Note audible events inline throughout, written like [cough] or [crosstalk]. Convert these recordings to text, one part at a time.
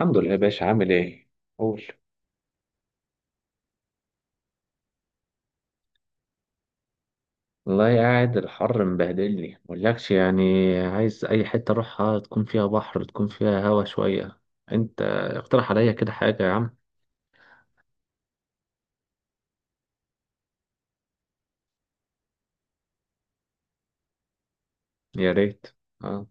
الحمد لله يا باشا، عامل ايه؟ قول. والله قاعد، الحر مبهدلني مقولكش يعني. عايز اي حتة اروحها تكون فيها بحر، تكون فيها هوا شوية. انت اقترح عليا كده حاجة يا عم. يا ريت. اه.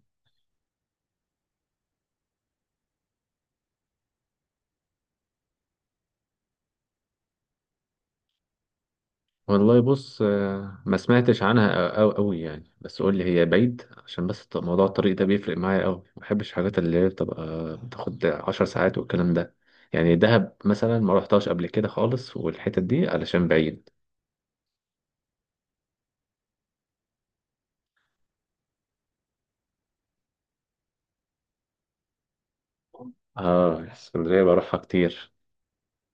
والله بص، ما سمعتش عنها أو أوي يعني، بس قول لي هي بعيد عشان بس موضوع الطريق ده بيفرق معايا أوي، ما بحبش الحاجات اللي هي بتبقى بتاخد 10 ساعات والكلام ده. يعني دهب مثلا ما رحتهاش قبل كده خالص، والحتت دي علشان بعيد. اه اسكندرية بروحها كتير.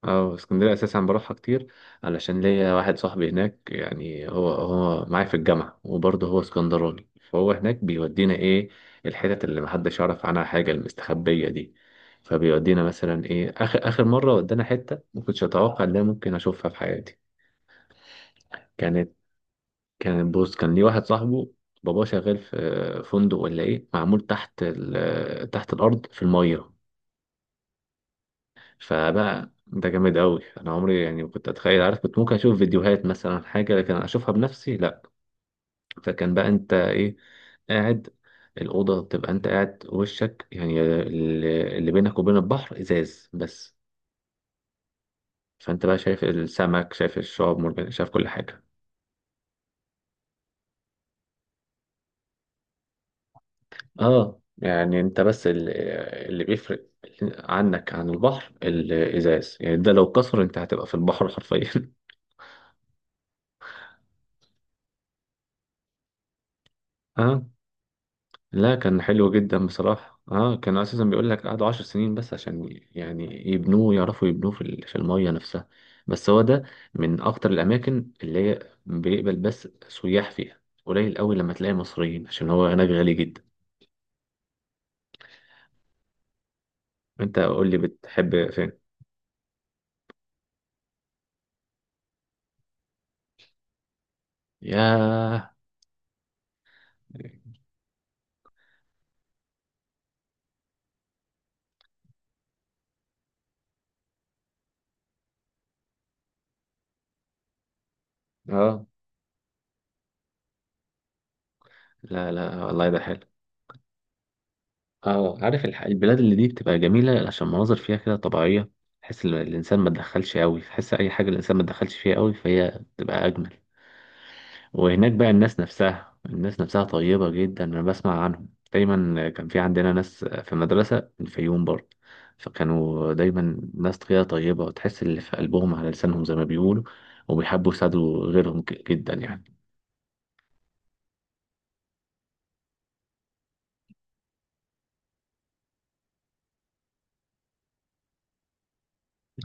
اه اسكندرية اساسا بروحها كتير، علشان ليا واحد صاحبي هناك، يعني هو معايا في الجامعة وبرضه هو اسكندراني، فهو هناك بيودينا ايه، الحتت اللي محدش يعرف عنها حاجة المستخبية دي. فبيودينا مثلا ايه اخر اخر مرة ودانا حتة ما كنتش اتوقع ان انا ممكن اشوفها في حياتي. كانت كان بص كان ليه واحد صاحبه باباه شغال في فندق ولا ايه، معمول تحت تحت الارض في المية. فلا ده جامد قوي، انا عمري يعني ما كنت اتخيل، عارف كنت ممكن اشوف فيديوهات مثلا حاجه لكن اشوفها بنفسي لا. فكان بقى انت ايه، قاعد. الاوضه بتبقى انت قاعد وشك يعني اللي بينك وبين البحر ازاز بس. فانت بقى شايف السمك، شايف الشعاب مرجانيه، شايف كل حاجه. اه يعني انت بس اللي بيفرق عنك عن البحر الازاز، يعني ده لو كسر انت هتبقى في البحر حرفيا. [laughs] لا كان حلو جدا بصراحة، اه كان اساسا بيقول لك قعدوا 10 سنين بس عشان يعني يبنوه، يعرفوا يبنوه في في المية نفسها. بس هو ده من اكتر الاماكن اللي هي بيقبل بس سياح فيها، قليل قوي لما تلاقي مصريين عشان هو هناك غالي جدا. انت قول لي بتحب فين. ياه. اه. لا لا والله ده حلو. اه عارف البلاد اللي دي بتبقى جميلة عشان مناظر فيها كده طبيعية، تحس الإنسان ما تدخلش قوي، تحس أي حاجة الإنسان ما تدخلش فيها قوي فهي بتبقى أجمل. وهناك بقى الناس نفسها، الناس نفسها طيبة جدا. أنا بسمع عنهم دايما، كان في عندنا ناس في المدرسة من الفيوم برضه. فكانوا دايما ناس كده طيبة، وتحس اللي في قلبهم على لسانهم زي ما بيقولوا. وبيحبوا يساعدوا غيرهم جدا يعني.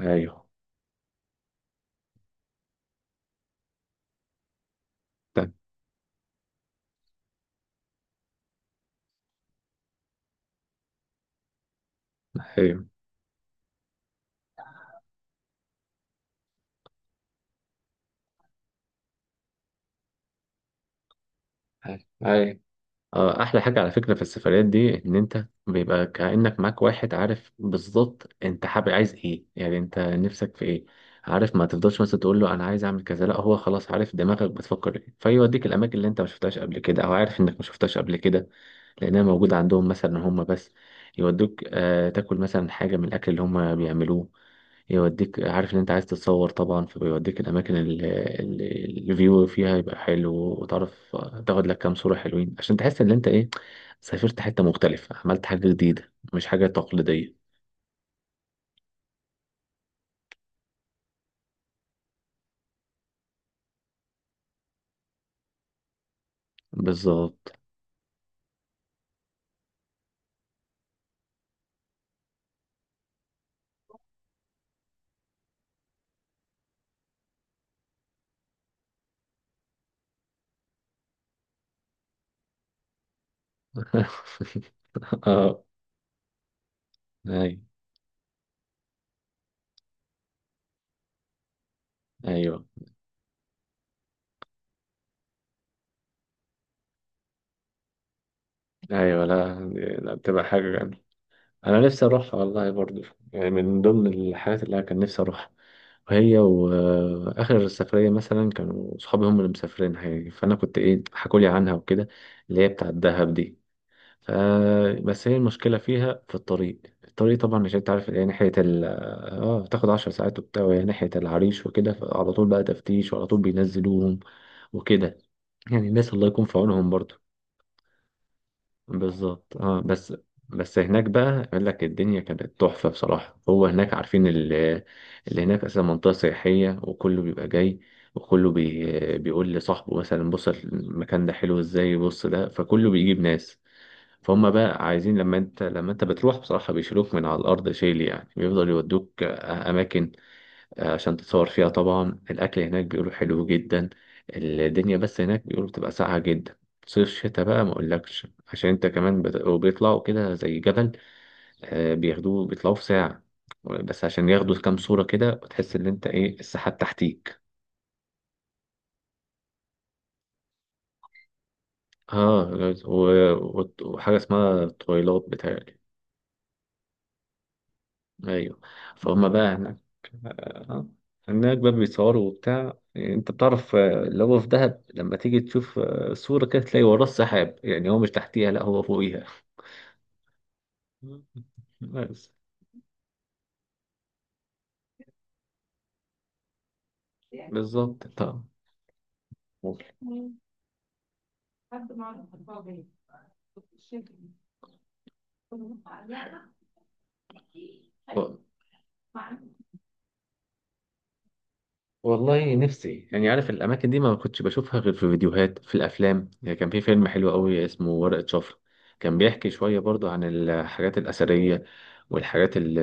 أيوه. ده- أيوه. أيوه. احلى حاجة على فكرة في السفريات دي ان انت بيبقى كأنك معاك واحد عارف بالظبط انت حابب عايز ايه، يعني انت نفسك في ايه. عارف ما تفضلش مثلا تقول له انا عايز اعمل كذا، لا هو خلاص عارف دماغك بتفكر ايه، فيوديك الاماكن اللي انت ما شفتهاش قبل كده، او عارف انك ما شفتهاش قبل كده لانها موجودة عندهم مثلا هم بس. يودوك آه تاكل مثلا حاجة من الاكل اللي هم بيعملوه، يوديك عارف ان انت عايز تتصور طبعا، فبيوديك الاماكن اللي الفيو فيها يبقى حلو، وتعرف تاخد لك كام صورة حلوين عشان تحس ان انت ايه سافرت حتة مختلفة، عملت حاجة جديدة مش حاجة تقليدية. بالظبط. [laughs] اه. ايوه. ايوه. ايوه. لا لا بتبقى حاجة جامدة، انا نفسي اروحها والله برضو. يعني من ضمن الحاجات اللي انا كان نفسي اروحها، هي واخر سفريه مثلا كانوا صحابي هم اللي مسافرين حقيقي، فانا كنت ايه حكولي عنها وكده، اللي هي بتاعه الدهب دي. ف- بس هي المشكله فيها في الطريق، الطريق طبعا مش انت عارف اللي هي ناحيه ال. اه بتاخد 10 ساعات وبتاع، وهي ناحيه العريش وكده، فعلى طول بقى تفتيش وعلى طول بينزلوهم وكده. يعني الناس الله يكون في عونهم برضه. بالظبط اه بس. بس هناك بقى يقول لك الدنيا كانت تحفة بصراحة. هو هناك عارفين اللي هناك أصلا منطقة سياحية، وكله بيبقى جاي، وكله بي بيقول لصاحبه مثلا بص المكان ده حلو ازاي، بص ده، فكله بيجيب ناس. فهم بقى عايزين لما انت بتروح بصراحة بيشيلوك من على الأرض شيل، يعني بيفضل يودوك أماكن عشان تتصور فيها. طبعا الأكل هناك بيقولوا حلو جدا. الدنيا بس هناك بيقولوا بتبقى ساقعة جدا. صيف شتاء بقى ما أقولكش، عشان أنت كمان وبيطلعوا كده زي جبل، بياخدوه بيطلعوا في ساعة بس عشان ياخدوا كام صورة كده وتحس إن أنت إيه السحاب تحتيك. آه وحاجة اسمها تويلات بتاعي. ايوه. فهم بقى هناك. آه، هناك بقى بيصوروا وبتاع، انت بتعرف اللي هو في دهب، لما تيجي تشوف صورة كده تلاقي وراه السحاب، يعني هو مش تحتيها لا هو فوقيها بس. بالظبط طبعا. و- والله نفسي، يعني عارف الاماكن دي ما كنتش بشوفها غير في فيديوهات، في الافلام يعني. كان في فيلم حلو قوي اسمه ورقة شفرة، كان بيحكي شوية برضو عن الحاجات الأثرية والحاجات اللي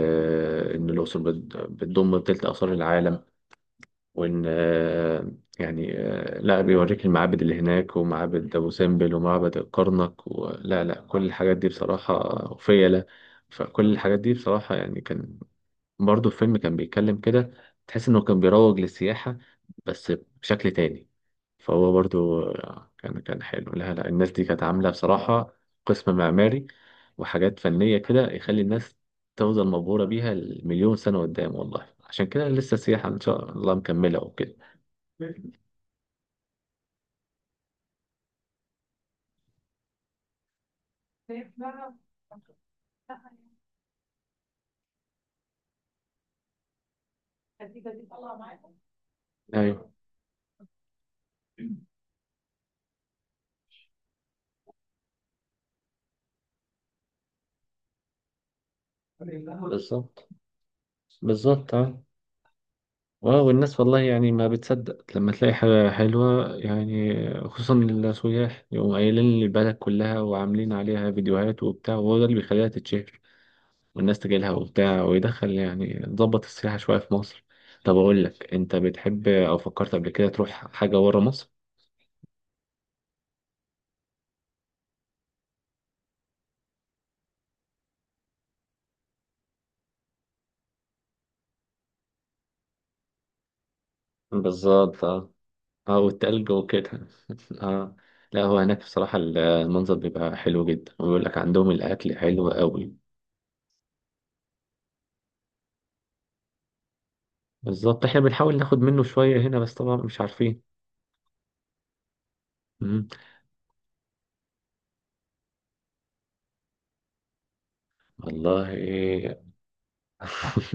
إن الأقصر بتضم تلت آثار العالم، وان يعني لا بيوريك المعابد اللي هناك، ومعابد ابو سمبل ومعبد الكرنك ولا لا كل الحاجات دي بصراحه وفيله. فكل الحاجات دي بصراحه يعني كان، برضه الفيلم كان بيتكلم كده تحس انه كان بيروج للسياحة بس بشكل تاني. فهو برضه كان حلو، لا لا الناس دي كانت عاملة بصراحة قسم معماري وحاجات فنية كده يخلي الناس تفضل مبهورة بيها المليون سنة قدام، والله عشان كده لسه السياحة إن شاء الله مكملة وكده. أيوه بالظبط. بالظبط أه. اه والناس والله يعني ما بتصدق لما تلاقي حاجة حلوة يعني، خصوصا السياح يقوموا قايلين البلد كلها وعاملين عليها فيديوهات وبتاع، وهو ده اللي بيخليها تتشهر والناس تجيلها وبتاع، ويدخل يعني ضبط السياحة شوية في مصر. طب أقول لك، أنت بتحب أو فكرت قبل كده تروح حاجة ورا مصر؟ بالظبط اه. اه والتلج وكده. [laughs] اه. لا هو هناك بصراحة المنظر بيبقى حلو جدا، ويقول لك عندهم الأكل حلو قوي. بالظبط احنا بنحاول ناخد منه شوية هنا بس طبعا مش عارفين. مم. والله. [laughs]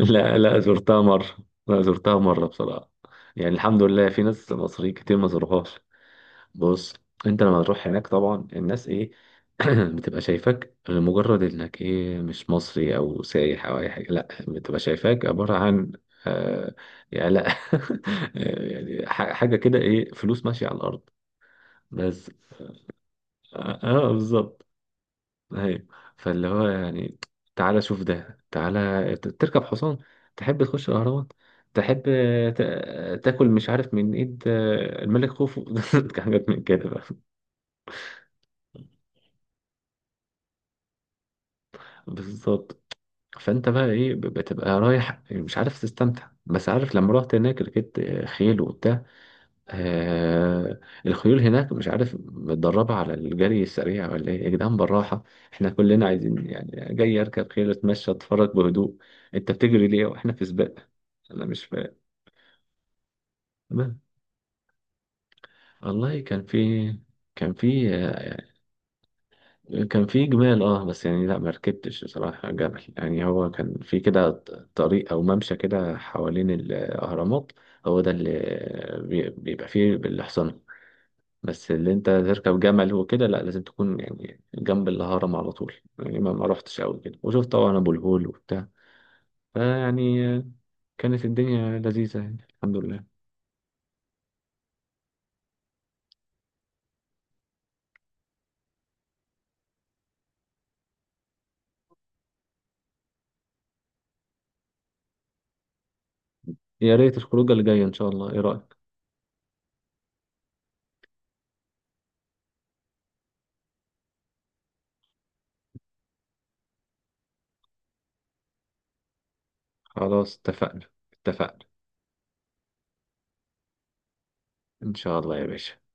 لا لا زرتها مرة. لا زرتها مرة بصراحة. يعني الحمد لله في ناس مصريين كتير ما زوروهاش. بص انت لما تروح هناك طبعا الناس ايه، [clears throat] بتبقى شايفاك لمجرد انك ايه مش مصري او سايح او اي حاجة، لا بتبقى شايفاك عبارة عن آه. يعني لا. [laughs] يعني حاجة كده ايه فلوس ماشية على الأرض بس. اه بالظبط. ايوه فاللي هو يعني، تعالى شوف ده، تعالى تركب حصان، تحب تخش الاهرامات، تحب تاكل مش عارف من ايد الملك خوفو. [laughs] حاجات من كده بقى. بالظبط. فانت بقى ايه بتبقى رايح مش عارف تستمتع، بس عارف لما رحت هناك ركبت خيل وبتاع آه. الخيول هناك مش عارف متدربة على الجري السريع ولا ايه يا جدعان، بالراحة، احنا كلنا عايزين يعني، جاي اركب خيل اتمشى اتفرج بهدوء، انت بتجري ليه واحنا في سباق، انا مش فاهم. بس. والله كان في كان في آه، كان في جمال. اه بس يعني لا ما ركبتش بصراحة جبل. يعني هو كان في كده طريق او ممشى كده حوالين الاهرامات، هو ده اللي بيبقى فيه الحصان. بس اللي انت تركب جمل وكده لا لازم تكون يعني جنب الهرم على طول، يعني ما رحتش قوي كده. وشفت طبعا ابو الهول وبتاع. فيعني كانت الدنيا لذيذة يعني الحمد لله. يا ريت الخروجة اللي جاية ان شاء الله، ايه رأيك. خلاص اتفقنا اتفقنا. ان شاء الله يا باشا.